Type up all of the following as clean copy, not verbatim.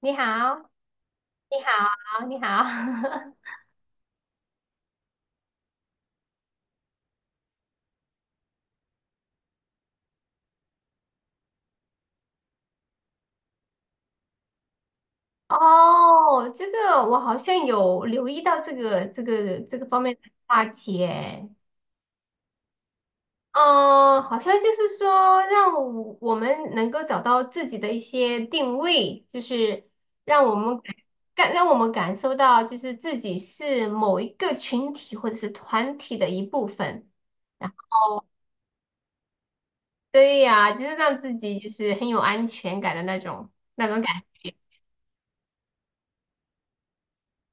你好，你好，你好。哦，这个我好像有留意到这个方面的话题诶。嗯，好像就是说让我们能够找到自己的一些定位，就是让我们感让我们感受到就是自己是某一个群体或者是团体的一部分。啊，对呀，就是让自己就是很有安全感的那种感。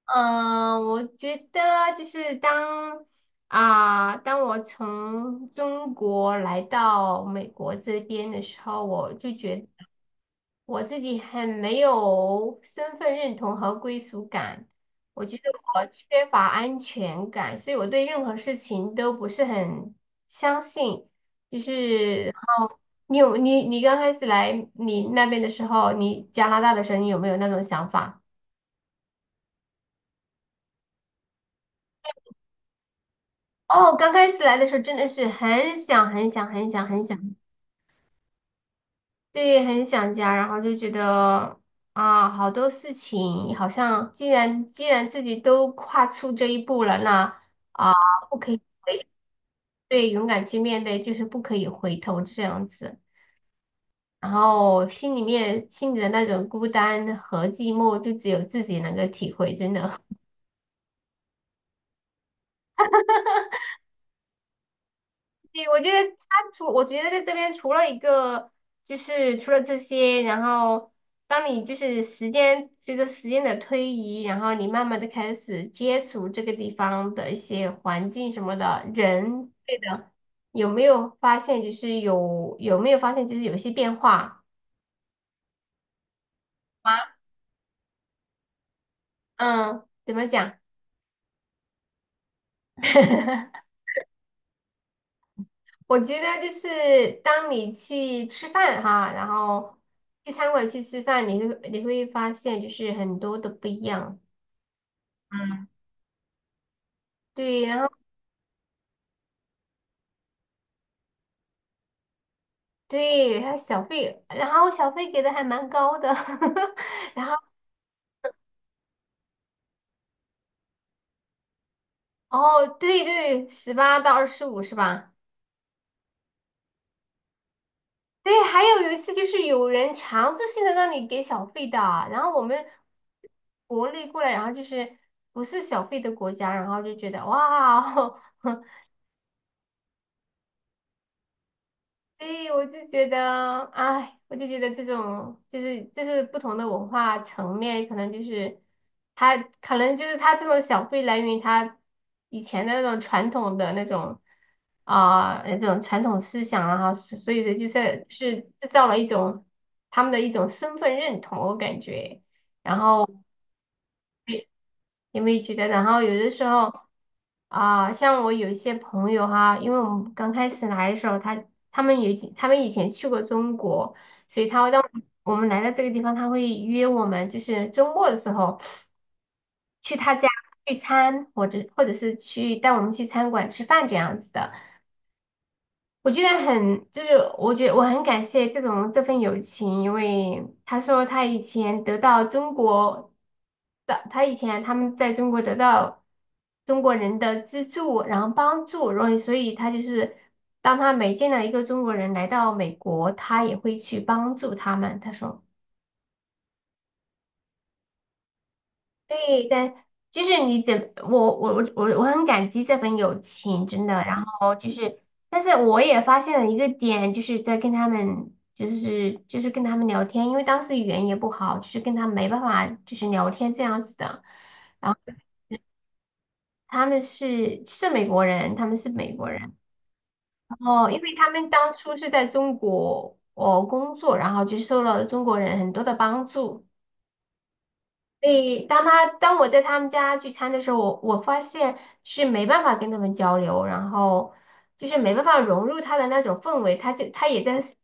嗯，我觉得就是当我从中国来到美国这边的时候，我就觉得我自己很没有身份认同和归属感，我觉得我缺乏安全感，所以我对任何事情都不是很相信。就是你有你你刚开始来你那边的时候，你加拿大的时候，你有没有那种想法？哦，刚开始来的时候真的是很想很想很想很想，对，很想家，然后就觉得好多事情好像既然自己都跨出这一步了，那啊，不可以回，对，勇敢去面对，就是不可以回头这样子。然后心里的那种孤单和寂寞，就只有自己能够体会，真的。对，我觉得在这边除了一个，就是除了这些，然后当你就是时间随着时间的推移，然后你慢慢的开始接触这个地方的一些环境什么的人，对的，有没有发现就是有一些变化啊？嗯，怎么讲？我觉得就是当你去吃饭哈，然后去餐馆去吃饭，你会发现就是很多的不一样。嗯，对，然后对，还有小费，然后小费给的还蛮高的，然后哦，对对，18到25是吧？对，还有一次就是有人强制性的让你给小费的，然后我们国内过来，然后就是不是小费的国家，然后就觉得哇，所以我就觉得，哎，我就觉得这种就是不同的文化层面，可能就是他这种小费来源于他以前的那种传统的那种传统思想啊，所以说就是制造了一种他们的一种身份认同，我感觉。然后因为觉得？然后有的时候。啊，像我有一些朋友哈，因为我们刚开始来的时候，他们有他们以前去过中国，所以他会当我们来到这个地方，他会约我们，就是周末的时候去他家聚餐，或者是去带我们去餐馆吃饭这样子的。我觉得很，就是我觉得我很感谢这份友情，因为他说他以前他们在中国得到中国人的资助，然后帮助，然后所以他就是当他每见到一个中国人来到美国，他也会去帮助他们。他说。对，但就是你怎我我我我我很感激这份友情，真的。但是我也发现了一个点，就是在跟他们，就是跟他们聊天，因为当时语言也不好，就是跟他们没办法就是聊天这样子的。然后他们是美国人，他们是美国人。然后因为他们当初是在中国工作，然后就受到了中国人很多的帮助。所以当我在他们家聚餐的时候，我发现是没办法跟他们交流，然后就是没办法融入他的那种氛围，他也在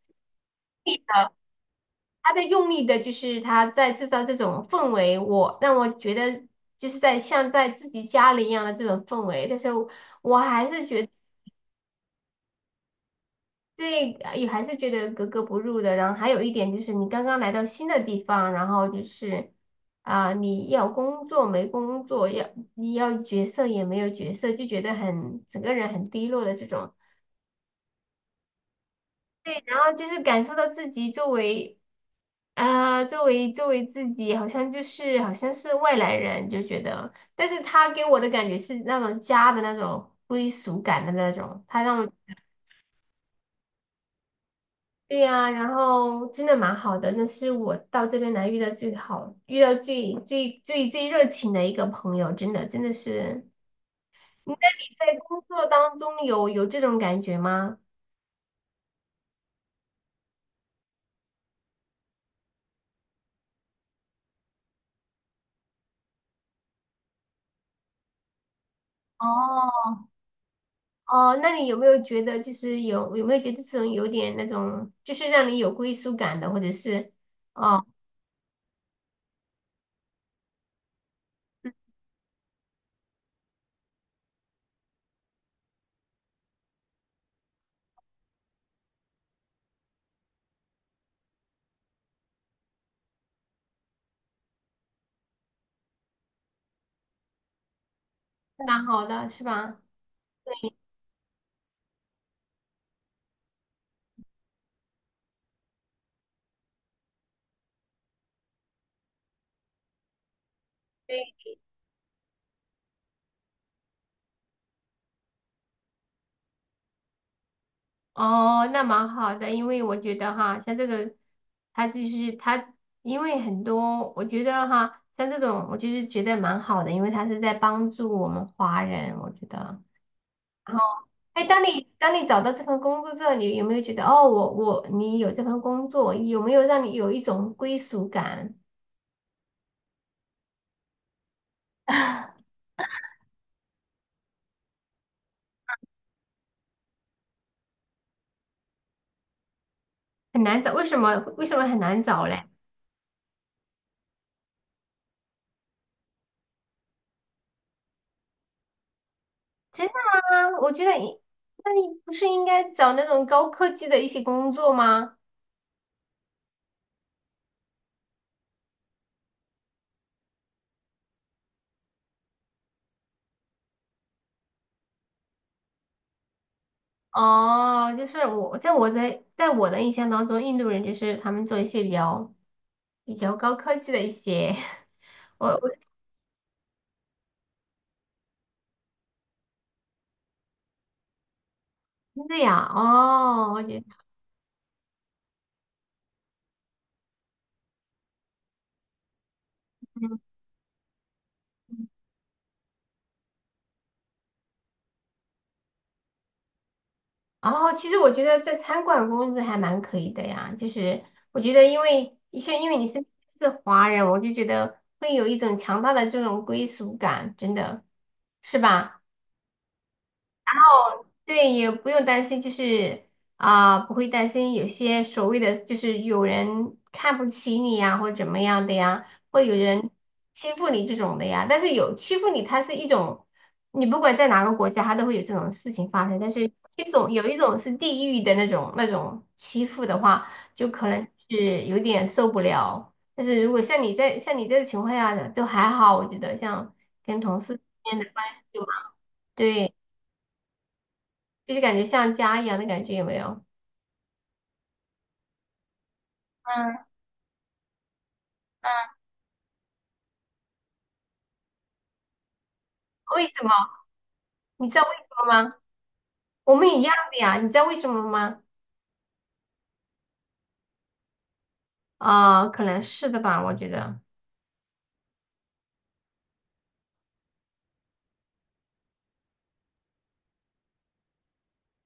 他在用力的，就是他在制造这种氛围，让我觉得就是在像在自己家里一样的这种氛围，但是我还是觉得。对，也还是觉得格格不入的。然后还有一点就是，你刚刚来到新的地方，然后就是你要工作没工作，你要角色也没有角色，就觉得整个人很低落的这种。对，然后就是感受到自己作为啊、作为作为自己，好像就是好像是外来人，就觉得。但是他给我的感觉是那种家的那种归属感的那种，对呀，然后真的蛮好的，那是我到这边来遇到最最最最热情的一个朋友，真的真的是。那你在工作当中有这种感觉吗？哦，哦，那你有没有觉得就是有没有觉得这种有点那种，就是让你有归属感的，或者是哦，蛮好的是吧？哦，那蛮好的，因为我觉得哈，像这个，他就是他，因为很多，我觉得哈，像这种，我就是觉得蛮好的，因为他是在帮助我们华人，我觉得。然后，哎，当你找到这份工作之后，你有没有觉得，哦，你有这份工作，有没有让你有一种归属感？很难找，为什么很难找嘞？真的吗？我觉得，那你不是应该找那种高科技的一些工作吗？哦，就是我在我在在我的印象当中，印度人就是他们做一些比较高科技的一些，我是这样哦，我觉得哦，其实我觉得在餐馆工资还蛮可以的呀，就是我觉得因为你是华人，我就觉得会有一种强大的这种归属感，真的是吧？对，也不用担心，不会担心有些所谓的就是有人看不起你呀，或者怎么样的呀，会有人欺负你这种的呀。但是有欺负你，它是一种，你不管在哪个国家，它都会有这种事情发生。但是有一种是地域的那种欺负的话，就可能是有点受不了。但是如果像你这个情况下的，都还好，我觉得像跟同事之间的关系就蛮对。就是感觉像家一样的感觉，有没有？嗯，嗯。为什么？你知道为什么吗？我们一样的呀，你知道为什么吗？可能是的吧，我觉得。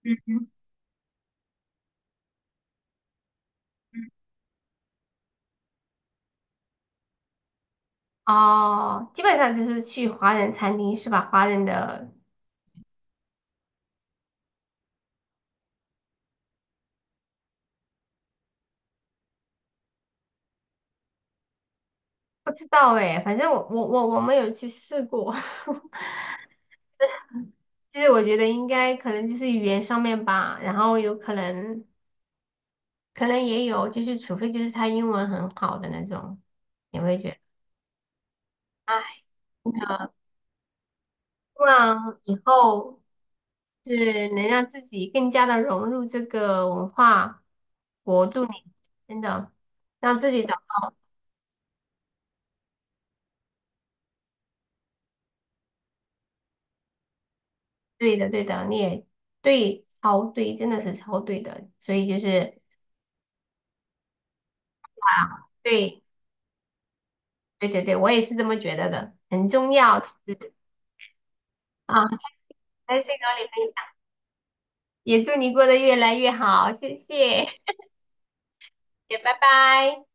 嗯哦，基本上就是去华人餐厅是吧？华人的不知道哎，反正我没有去试过。其实我觉得应该可能就是语言上面吧，然后有可能也有，就是除非就是他英文很好的那种，也会觉得，哎，那希望以后。是能让自己更加的融入这个文化国度里，真的让自己找对的，对的，你也对，超对，真的是超对的，所以对，对对对，我也是这么觉得的，很重要，啊，开心和你分享，也祝你过得越来越好，谢谢，也拜拜。